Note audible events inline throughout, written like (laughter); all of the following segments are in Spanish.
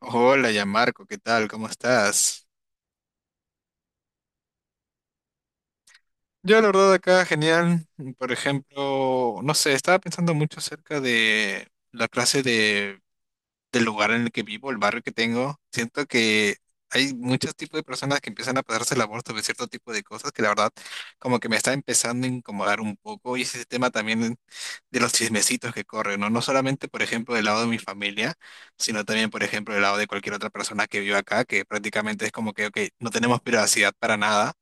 Hola, ya Marco, ¿qué tal? ¿Cómo estás? Yo, la verdad, acá genial. Por ejemplo, no sé, estaba pensando mucho acerca de la clase de del lugar en el que vivo, el barrio que tengo, siento que hay muchos tipos de personas que empiezan a pasarse la voz sobre cierto tipo de cosas que la verdad como que me está empezando a incomodar un poco y ese tema también de los chismecitos que corren, ¿no? No solamente, por ejemplo, del lado de mi familia, sino también, por ejemplo, del lado de cualquier otra persona que vive acá, que prácticamente es como que, ok, no tenemos privacidad para nada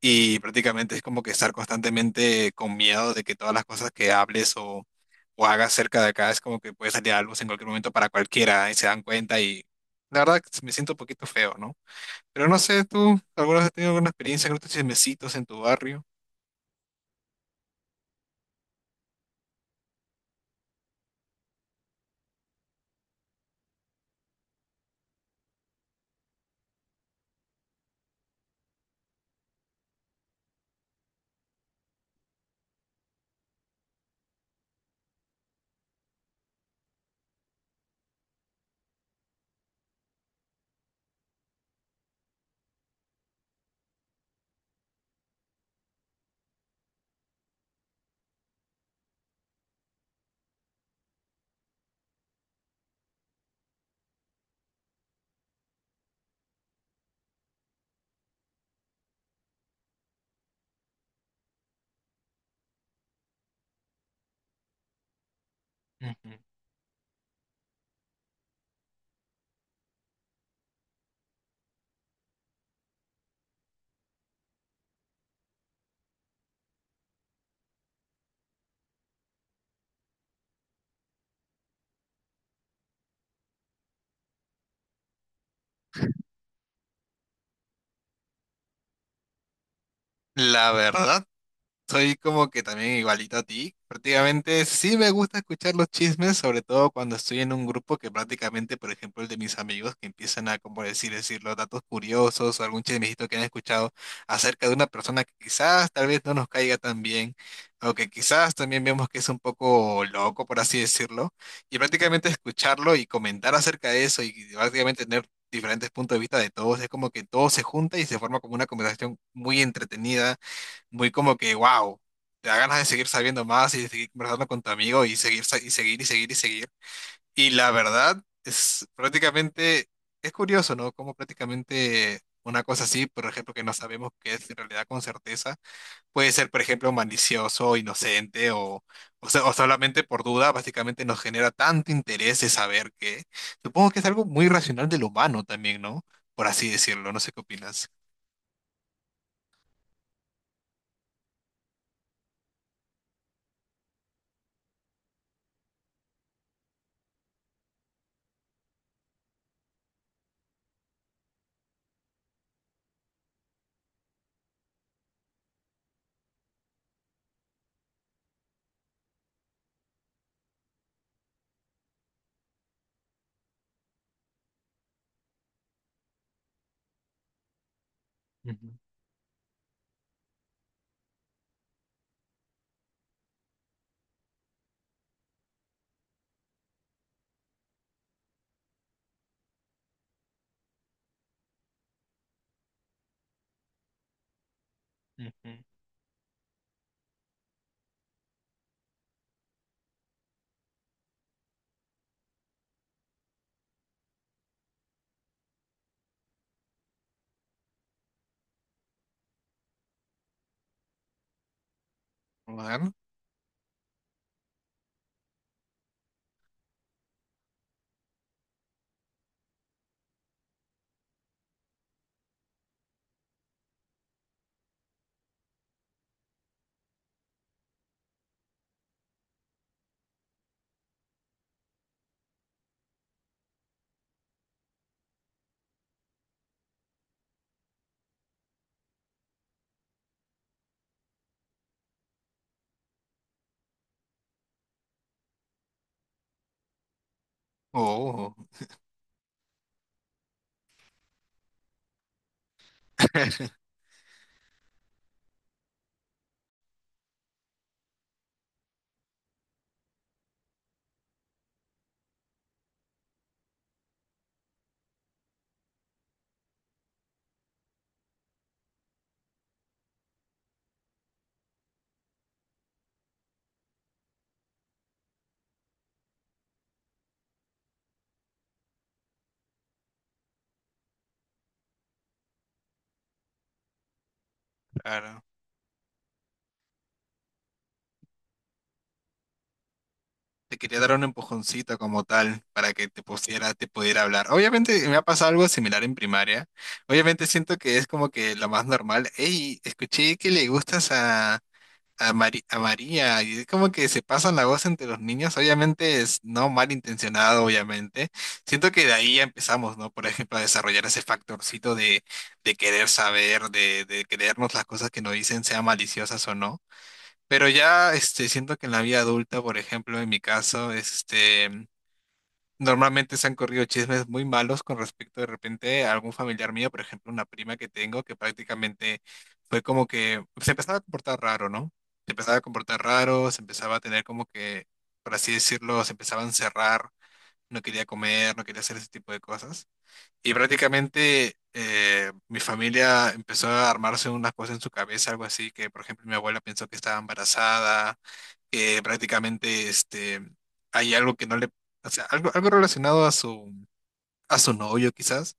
y prácticamente es como que estar constantemente con miedo de que todas las cosas que hables o hagas cerca de acá es como que puede salir algo en cualquier momento para cualquiera y se dan cuenta y la verdad que me siento un poquito feo, ¿no? Pero no sé, tú, ¿alguna vez has tenido alguna experiencia con estos chismecitos en tu barrio? Ujú. La verdad. Soy como que también igualito a ti. Prácticamente sí me gusta escuchar los chismes, sobre todo cuando estoy en un grupo que prácticamente, por ejemplo, el de mis amigos que empiezan a, como decir, decir los datos curiosos o algún chismecito que han escuchado acerca de una persona que quizás tal vez no nos caiga tan bien o que quizás también vemos que es un poco loco, por así decirlo. Y prácticamente escucharlo y comentar acerca de eso y prácticamente tener diferentes puntos de vista de todos, es como que todo se junta y se forma como una conversación muy entretenida muy como que, wow, te da ganas de seguir sabiendo más y de seguir conversando con tu amigo y seguir, y seguir, y seguir, y seguir. Y la verdad es prácticamente, es curioso, ¿no? Como prácticamente una cosa así, por ejemplo, que no sabemos qué es en realidad con certeza, puede ser, por ejemplo, malicioso, inocente o, o solamente por duda, básicamente nos genera tanto interés de saber que, supongo que es algo muy racional del humano también, ¿no? Por así decirlo, no sé qué opinas. Ujú. A ver. Oh, (laughs) claro. Te quería dar un empujoncito como tal para que te pusiera, te pudiera hablar. Obviamente me ha pasado algo similar en primaria. Obviamente siento que es como que lo más normal. Hey, escuché que le gustas a, a María. Y es como que se pasan la voz entre los niños. Obviamente es no malintencionado, obviamente. Siento que de ahí ya empezamos, ¿no? Por ejemplo, a desarrollar ese factorcito de querer saber, de creernos las cosas que nos dicen, sean maliciosas o no. Pero ya este, siento que en la vida adulta, por ejemplo, en mi caso, este, normalmente se han corrido chismes muy malos con respecto de repente a algún familiar mío, por ejemplo, una prima que tengo que prácticamente fue como que se empezaba a comportar raro, ¿no? Se empezaba a comportar raro, se empezaba a tener como que, por así decirlo, se empezaba a encerrar, no quería comer, no quería hacer ese tipo de cosas. Y prácticamente mi familia empezó a armarse unas cosas en su cabeza, algo así, que por ejemplo mi abuela pensó que estaba embarazada que prácticamente este, hay algo que no le, o sea, algo, algo relacionado a su novio quizás.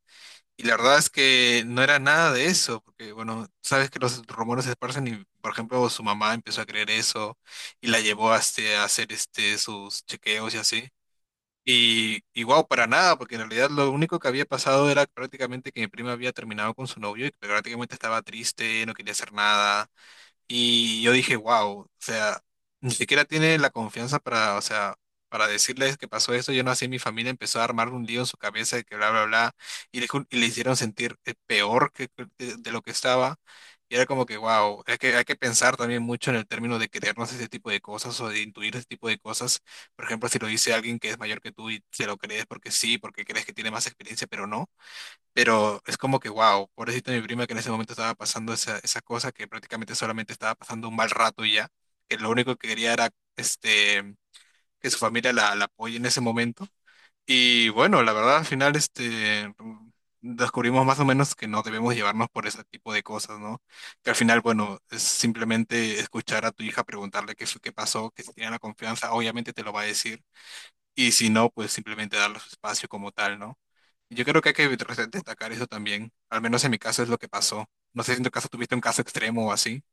Y la verdad es que no era nada de eso, porque bueno, sabes que los rumores se esparcen y, por ejemplo, su mamá empezó a creer eso y la llevó a, este, a hacer este, sus chequeos y así. Y wow, para nada, porque en realidad lo único que había pasado era prácticamente que mi prima había terminado con su novio y que prácticamente estaba triste, no quería hacer nada. Y yo dije, wow, o sea, ni siquiera tiene la confianza para, o sea, para decirles que pasó esto. Yo no sé, mi familia empezó a armar un lío en su cabeza de que bla, bla, bla, y le, y le hicieron sentir peor que, de lo que estaba. Y era como que, wow, hay que pensar también mucho en el término de creernos ese tipo de cosas o de intuir ese tipo de cosas. Por ejemplo, si lo dice alguien que es mayor que tú y se lo crees porque sí, porque crees que tiene más experiencia, pero no. Pero es como que, wow, pobrecita mi prima que en ese momento estaba pasando esa, esa cosa que prácticamente solamente estaba pasando un mal rato y ya, que lo único que quería era este, que su familia la, la apoye en ese momento. Y bueno, la verdad al final este, descubrimos más o menos que no debemos llevarnos por ese tipo de cosas, ¿no? Que al final, bueno, es simplemente escuchar a tu hija preguntarle qué fue, qué pasó, que si tiene la confianza, obviamente te lo va a decir. Y si no, pues simplemente darle su espacio como tal, ¿no? Yo creo que hay que destacar eso también. Al menos en mi caso es lo que pasó. No sé si en tu caso tuviste un caso extremo o así.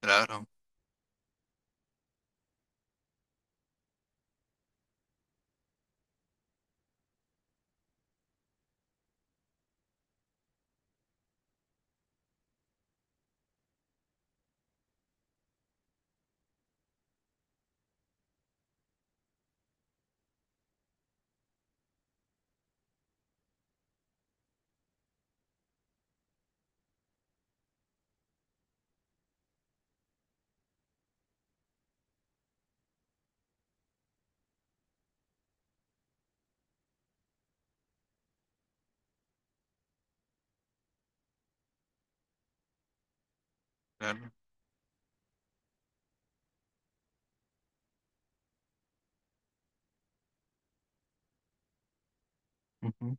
Claro, claro. Ujú.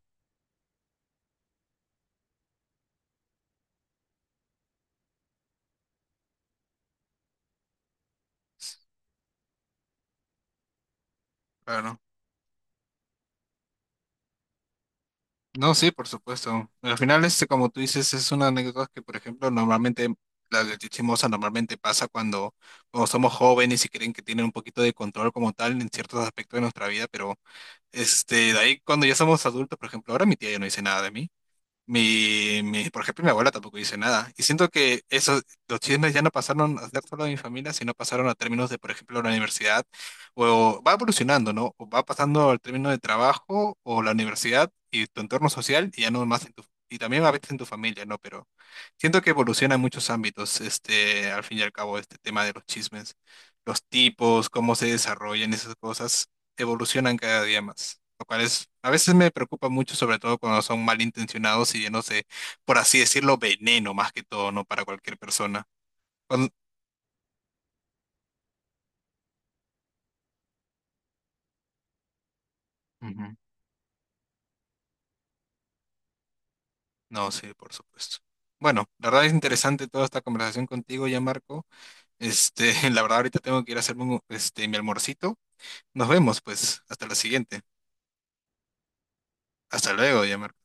Claro. No, sí, por supuesto. Al final, este, como tú dices, es una anécdota que, por ejemplo, normalmente la de chismosa normalmente pasa cuando, cuando somos jóvenes y creen que tienen un poquito de control como tal en ciertos aspectos de nuestra vida, pero este, de ahí cuando ya somos adultos, por ejemplo, ahora mi tía ya no dice nada de mí. Por ejemplo, mi abuela tampoco dice nada. Y siento que esos, los chismes ya no pasaron a ser solo de mi familia, sino pasaron a términos de, por ejemplo, la universidad. O va evolucionando, ¿no? O va pasando al término de trabajo o la universidad y tu entorno social y ya no más en tu, y también a veces en tu familia, ¿no? Pero siento que evoluciona en muchos ámbitos, este, al fin y al cabo, este tema de los chismes, los tipos, cómo se desarrollan esas cosas evolucionan cada día más, lo cual es, a veces me preocupa mucho, sobre todo cuando son malintencionados y llenos de, por así decirlo, veneno más que todo, ¿no? Para cualquier persona. Cuando- Ujú. No, sí, por supuesto. Bueno, la verdad es interesante toda esta conversación contigo ya, Marco. Este, (laughs) la verdad ahorita tengo que ir a hacerme un- este, mi almorcito. Nos vemos, pues, hasta la siguiente. Hasta luego, ya, Marco.